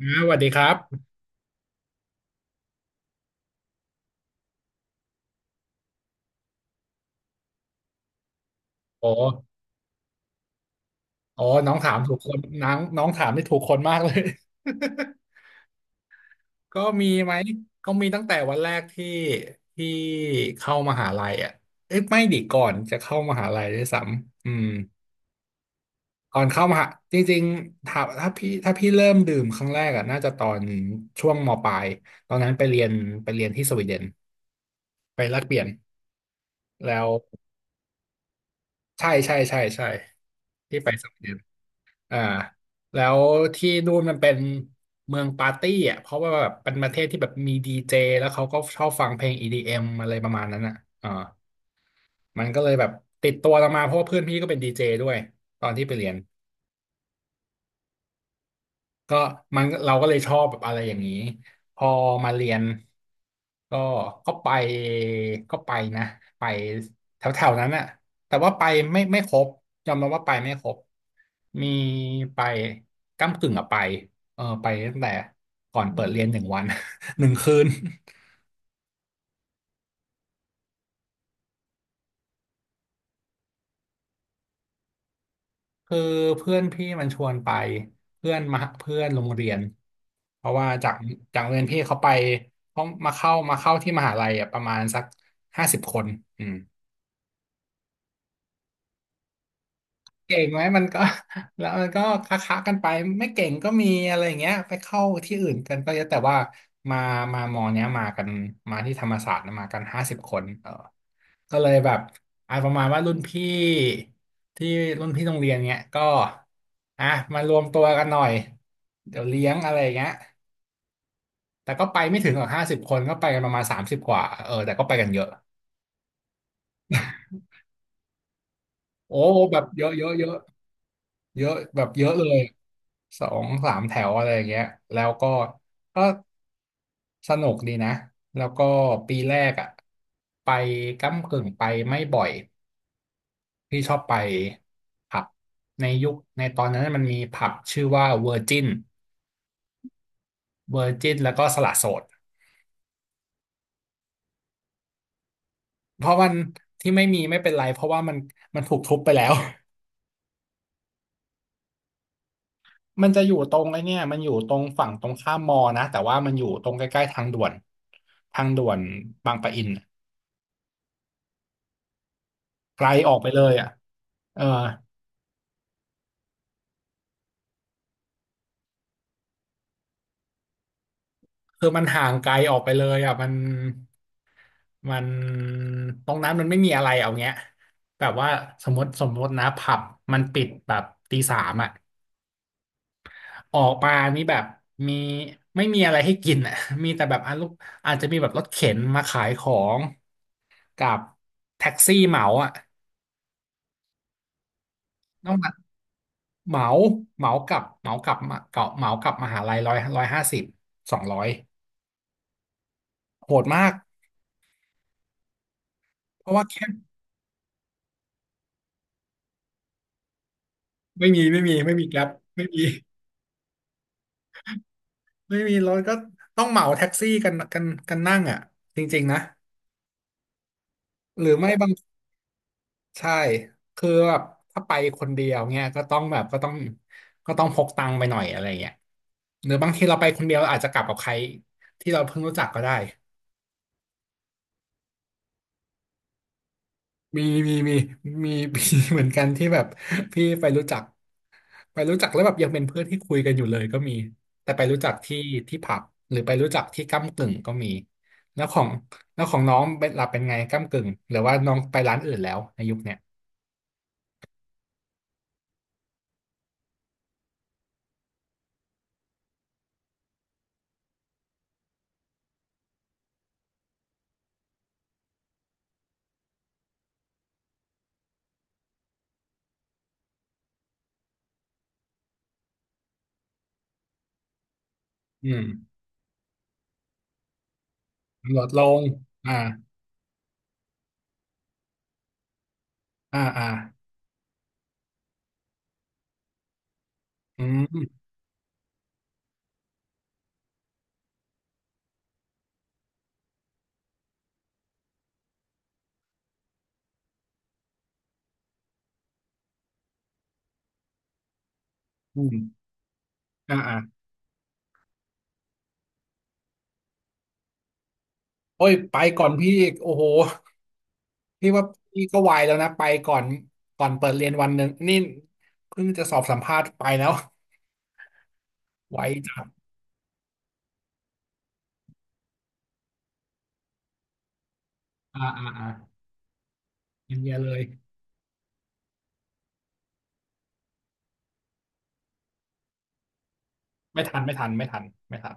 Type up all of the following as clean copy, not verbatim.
นะสวัสดีครับโอ้โอ้น้องถามถูกคนน้องน้องถามได้ถูกคนมากเลย ก็มีไหมก็มีตั้งแต่วันแรกที่เข้ามหาลัยอ่ะเอ้ยไม่ดิก่อนจะเข้ามหาลัยด้วยซ้ำก่อนเข้ามหาจริงๆถ้าพี่เริ่มดื่มครั้งแรกอ่ะน่าจะตอนช่วงมปลายตอนนั้นไปเรียนที่สวีเดนไปแลกเปลี่ยนแล้วใช่ใช่ใช่ใช่ที่ไปสวีเดน อ่าแล้วที่นู่นมันเป็นเมืองปาร์ตี้อ่ะเพราะว่าแบบเป็นประเทศที่แบบมีดีเจแล้วเขาก็ชอบฟังเพลง EDM อมอะไรประมาณนั้นอ่ะอ่ามันก็เลยแบบติดตัวเรามาเพราะว่าเพื่อนพี่ก็เป็นดีเจด้วยตอนที่ไปเรียน ก็มันเราก็เลยชอบแบบอะไรอย่างนี้พอมาเรียนก็ก็ไปก็ไปนะไปแถวๆนั้นอะแต่ว่าไปไม่ครบยอมรับว่าไปไม่ครบมีไปก้ำกึ่งอะไปเออไปตั้งแต่ก่อนเปิดเรียนหนึ่งวัน หนึ่งคืน คือเพื่อนพี่มันชวนไปเพื่อนมาเพื่อนโรงเรียนเพราะว่าจากโรงเรียนพี่เขาไปเขามาเข้าที่มหาลัยอ่ะประมาณสักห้าสิบคนอืมเก่งไหมมันก็ แล้วมันก็ค้าๆกันไปไม่เก่งก็มีอะไรอย่างเงี้ยไปเข้าที่อื่นกันก็เยอะแต่ว่ามามามอเนี้ยมากันมาที่ธรรมศาสตร์นะมากันห้าสิบคนเออ ก็เลยแบบประมาณว่ารุ่นพี่ที่รุ่นพี่โรงเรียนเนี้ยก็อ่ะมารวมตัวกันหน่อยเดี๋ยวเลี้ยงอะไรอย่างเงี้ยแต่ก็ไปไม่ถึงหรอกห้าสิบคนก็ไปกันประมาณ30 กว่าเออแต่ก็ไปกันเยอะโอ้แบบเยอะเยอะแบบเยอะเลยสองสามแถวอะไรอย่างเงี้ยแล้วก็ก็สนุกดีนะแล้วก็ปีแรกอ่ะไปก้ำกึ่งไปไม่บ่อย พี่ชอบไปผับในยุคในตอนนั้นมันมีผับชื่อว่าเวอร์จินเวอร์จินแล้วก็สละโสดเพราะมันที่ไม่มีไม่เป็นไรเพราะว่ามันมันถูกทุบไปแล้ว มันจะอยู่ตรงไอ้เนี่ยมันอยู่ตรงฝั่งตรงข้ามมอนะแต่ว่ามันอยู่ตรงใกล้ๆทางด่วนบางปะอินน่ะไกลออกไปเลยอ่ะเออคือมันห่างไกลออกไปเลยอ่ะมันมันตรงนั้นมันไม่มีอะไรเอาเงี้ยแบบว่าสมมตินะผับมันปิดแบบตีสามอ่ะ ออกมานี่แบบมีไม่มีอะไรให้กินอ่ะ มีแต่แบบอาลูกอาจจะมีแบบรถเข็นมาขายของกับแท็กซี่เหมาอ่ะต้องมาเหมาเหมากับมาเกาะเหมากับมหาลัย100 150 200โหดมากเพราะว่าแค่ไม่มีแกร็บไม่มีไม่มีรถก็ต้องเหมาแท็กซี่กันนั่งอ่ะจริงๆนะหรือไม่บาง ใช่ คือแบบถ้าไปคนเดียวเนี่ยก็ต้องแบบก็ต้องก็ต้องพกตังค์ไปหน่อยอะไรเงี้ยหรือบางทีเราไปคนเดียวเราอาจจะกลับกับใครที่เราเพิ่งรู้จักก็ได้ มีมีมีมี มีเหมือนกันที่แบบพี่ไปรู้จักไปรู้จักแล้วแบบยังเป็นเพื่อนที่คุยกันอยู่เลยก็มีแต่ไปรู้จักที่ผับหรือไปรู้จักที่ก้ำกึ่งก็มีแล้วของแล้วของน้องเป็นหลับเป็นไงก้ำกึ่งหรือว่าน้องไปร้านอื่นแล้วในยุคเนี้ยอืมลดลงอ่าอ่าอ่าอืม อืมอ่าอ่าโอ้ยไปก่อนพี่อีกโอ้โหพี่ว่าพี่ก็ไวแล้วนะไปก่อนก่อนเปิดเรียนวันหนึ่งนี่เพิ่งจะสอบสัมภาษณ์ไปแล้วไวจังอ่าอ่าอ่าเย็นเยเลยไม่ทันไม่ทันไม่ทันไม่ทัน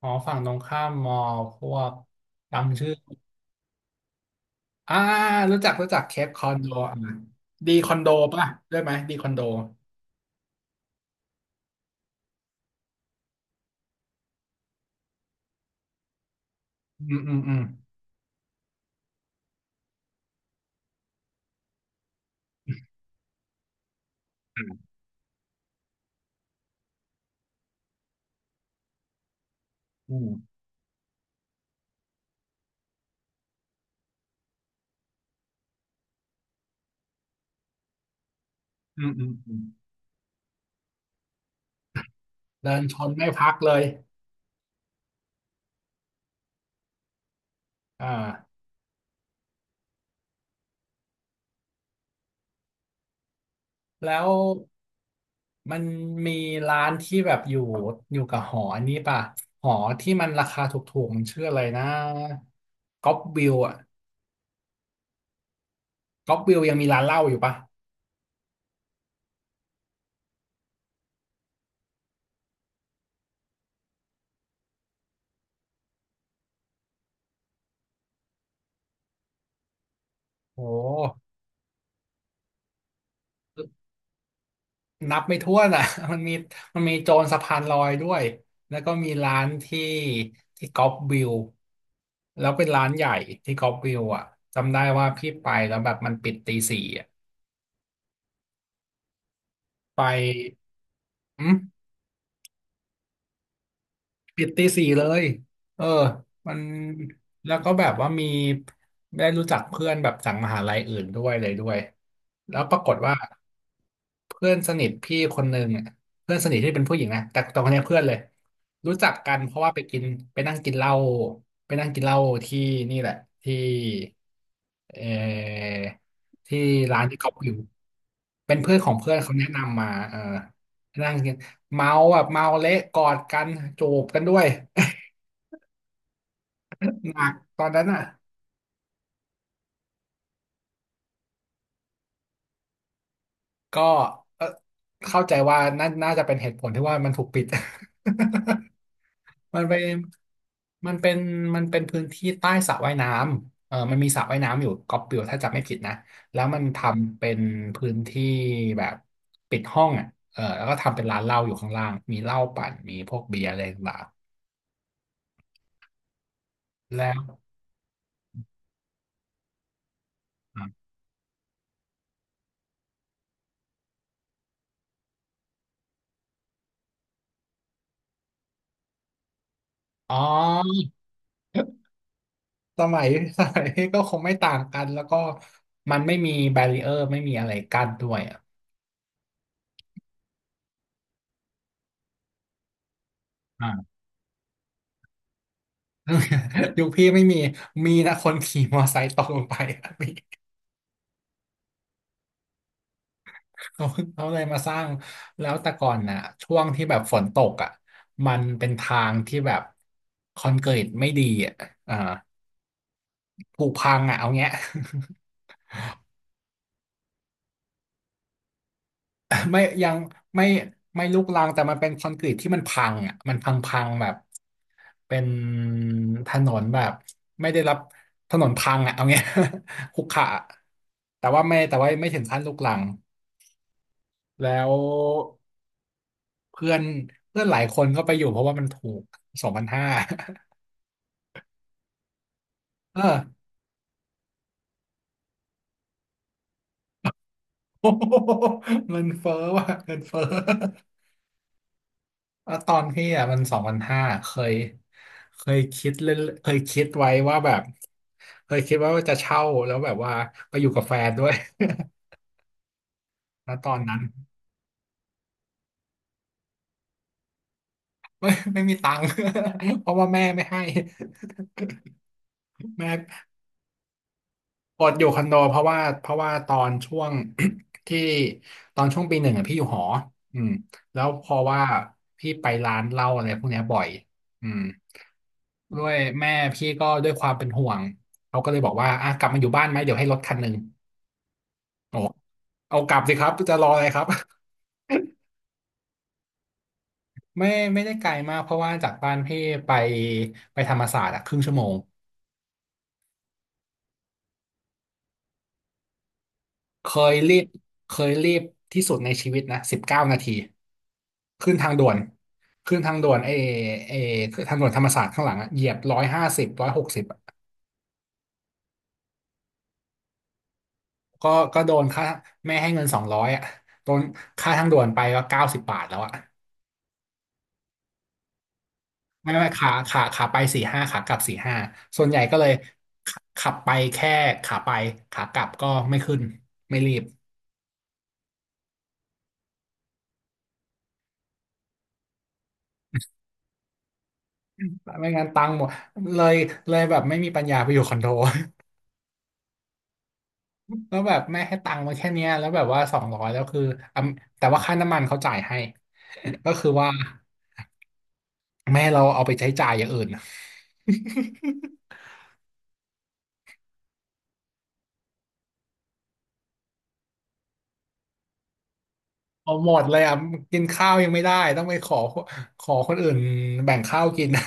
อ๋อฝั่งตรงข้ามมอพวกจำชื่ออ่ารู้จักรู้จักเคปคอนโดอ่ะดีคอนโดป่ะได้ไหมดีคอนโดอืมอืมอืมอืมอืมเดินชนไม่พักเลยอ่า แล้วมันมีร้านที่แบบอยู่กับหออันนี้ป่ะหอที่มันราคาถูกๆมันชื่ออะไรนะก๊อปวิวอ่ะก๊อปวิวยังมีร้านเหล้าอยู่ป่ะโอ้นับไม่ถ้วนอ่ะ มันมีมันมีโจรสะพานลอยด้วยแล้วก็มีร้านที่ก๊อปวิวแล้วเป็นร้านใหญ่ที่ก๊อปวิวอ่ะจำได้ว่าพี่ไปแล้วแบบมันปิดตีสี่อ่ะไปอืม ปิดตีสี่เลยเออมันแล้วก็แบบว่ามีได้รู้จักเพื่อนแบบจากมหาลัยอื่นด้วยเลยด้วยแล้วปรากฏว่าเพื่อนสนิทพี่คนหนึ่งอะเพื่อนสนิทที่เป็นผู้หญิงนะแต่ตอนนี้เพื่อนเลย รู้จักกันเพราะว่าไปกินไปนั่งกินเหล้าไปนั่งกินเหล้าที่นี่แหละ ที่เออที่ร้านที่เขาอยู่เป็นเพื่อนของเพื่อนเขาแนะนำมาเออนั่งกินเมาแบบเมาเละกอดกันจูบกันด้วย หนักตอนนั้นอ่ะก็เอ่อเข้าใจว่าน่าจะเป็นเหตุผลที่ว่ามันถูกปิด มันเป็นมันเป็นมันเป็นพื้นที่ใต้สระว่ายน้ำเออมันมีสระว่ายน้ำอยู่กอบปิวถ้าจำไม่ผิดนะแล้วมันทำเป็นพื้นที่แบบปิดห้องอ่ะเออแล้วก็ทำเป็นร้านเหล้าอยู่ข้างล่างมีเหล้าปั่นมีพวกเบียร์อะไรต่างๆแล้วอ๋อ สมัย สมัยก็คงไม่ต่างกันแล้วก็มันไม่มีแบรีเออร์ไม่มีอะไรกั้นด้วยอ่ะอ่า ยุคพี่ไม่มีมีนะคนขี่มอไซค์ตกลงไป อะมีเขาเขาเลยมาสร้างแล้วแต่ก่อนน่ะช่วงที่แบบฝนตกอ่ะมันเป็นทางที่แบบคอนกรีตไม่ดีอ่ะอ่าผุพังอ่ะเอาเงี้ย ไม่ยังไม่ไม่ลุกรังแต่มันเป็นคอนกรีตที่มันพังอ่ะมันพังพังแบบเป็นถนนแบบไม่ได้รับถนนพังอ่ะเอาเงี้ย ขรุขระแต่ว่าไม่ถึงขั้นลุกรังแล้วเพื่อนเพื่อนหลายคนก็ไปอยู่เพราะว่ามันถูกสองพันห้า เออ มันเฟ้อว่ะเงินเฟ้อ ว่าตอนพี่อ่ะมัน2,500เคยคิดเล่นเคยคิดไว้ว่าแบบเคยคิดว่าจะเช่าแล้วแบบว่าไปอยู่กับแฟนด้วย แล้วตอนนั้น ไม่มีตังค์ เพราะว่าแม่ไม่ให้ แม่ กดอยู่คอนโดเพราะว่าตอนช่วง ที่ตอนช่วงปีหนึ่งอ่ะพี่อยู่หออืมแล้วเพอว่าพี่ไปร้านเหล้าอะไรพวกเนี้ยบ่อยอืมด้วยแม่พี่ก็ด้วยความเป็นห่วงเขาก็เลยบอกว่าอ่ะกลับมาอยู่บ้านไหมเดี๋ยวให้รถคันหนึ่งเอากลับสิครับจะรออะไรครับ ไม่ไม่ได้ไกลมากเพราะว่าจากบ้านพี่ไปไปธรรมศาสตร์อะครึ่งชั่วโมง เคยรีบเคยรีบที่สุดในชีวิตนะ19 นาทีขึ้นทางด่วนขึ้นทางด่วนไอ้ทางด่วนธรรมศาสตร์ข้างหลังอะเหยียบ150160ก็ก็โดนค่าแม่ให้เงินสองร้อยอ่ะโดนค่าทางด่วนไปก็90 บาทแล้วอ่ะไม่ขาขาไปสี่ห้าขากลับสี่ห้าส่วนใหญ่ก็เลยขขับไปแค่ขาไปขากลับก็ไม่ขึ้นไม่รีบไม่งั้นตังค์หมดเลยเลยแบบไม่มีปัญญาไปอยู่คอนโด แล้วแบบแม่ให้ตังค์มาแค่เนี้ยแล้วแบบว่าสองร้อยแล้วคืออ่ะแต่ว่าค่าน้ำมันเขาจ่ายให้ ก็คือว่าแม่เราเอาไปใช้จ่ายอย่างอื่น เอาหมดเลยอ่ะกินข้าวยังไม่ได้ต้องไปขอคนอื่นแบ่งข้าวกิน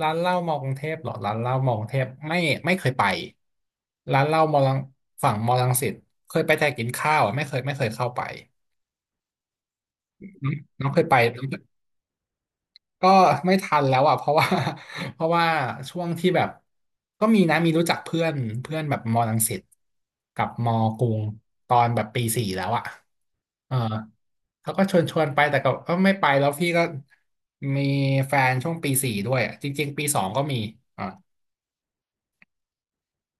ร้านเหล้ามอกรุงเทพเหรอร้านเหล้ามอกรุงเทพไม่เคยไปร้านเหล้ามอลังฝั่งมอลังสิตเคยไปแต่กินข้าวอ่ะไม่เคยเข้าไปน้องน้องเคยไป ก็ไม่ทันแล้วอ่ะเพราะว่า เพราะว่าช่วงที่แบบก็มีนะมีรู้จักเพื่อนเพื่อนแบบมอรังสิตกับมอกรุงตอนแบบปีสี่แล้วอ่ะเออเขาก็ชวนไปแต่ก็ไม่ไปแล้วพี่ก็มีแฟนช่วงปีสี่ด้วยอะจริงๆปีสองก็มีอ่า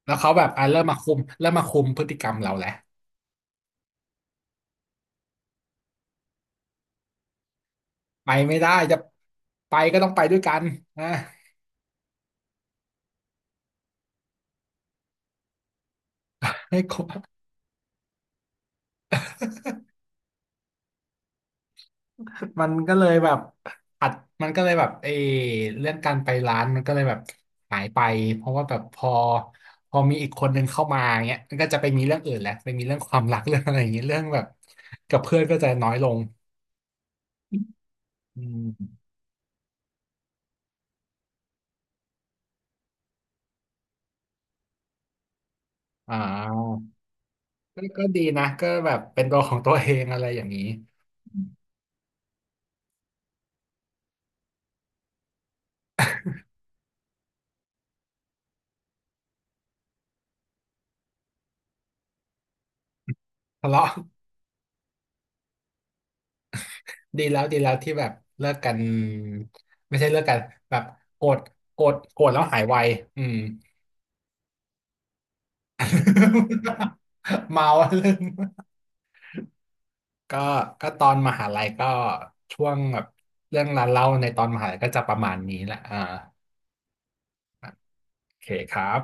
แล้วเขาแบบอ่ะเริ่มมาคุมพฤติกรรมเราแหละไปไม่ได้จะไปก็ต้องไปด้วยกันนะให้ครบ มันก็เลยแบบอัดมันก็เลยแบบเออเรื่องการไปร้านมันก็เลยแบบหายไปเพราะว่าแบบพอมีอีกคนหนึ่งเข้ามาเงี้ยมันก็จะไปมีเรื่องอื่นแล้วไปมีเรื่องความรักเรื่องอะไรอย่างเงี้ยเรื่องแบบกับเพื่อนก็จะน้อยลงอืมอ่าก็ดีนะก็แบบเป็นตัวของตัวเองอะไรอย่างนี้อืมทะเลาะดีแล้วดีแล้วที่แบบเลิกกันไม่ใช่เลิกกันแบบโกรธโกรธโกรธแล้วหายไวอืม เมาเรื่อง ก็ก็ตอนมหาลัยก็ช่วงแบบเรื่องรานเล่าในตอนมหาลัยก็จะประมาณนี้แหละอ่าโอเคครับ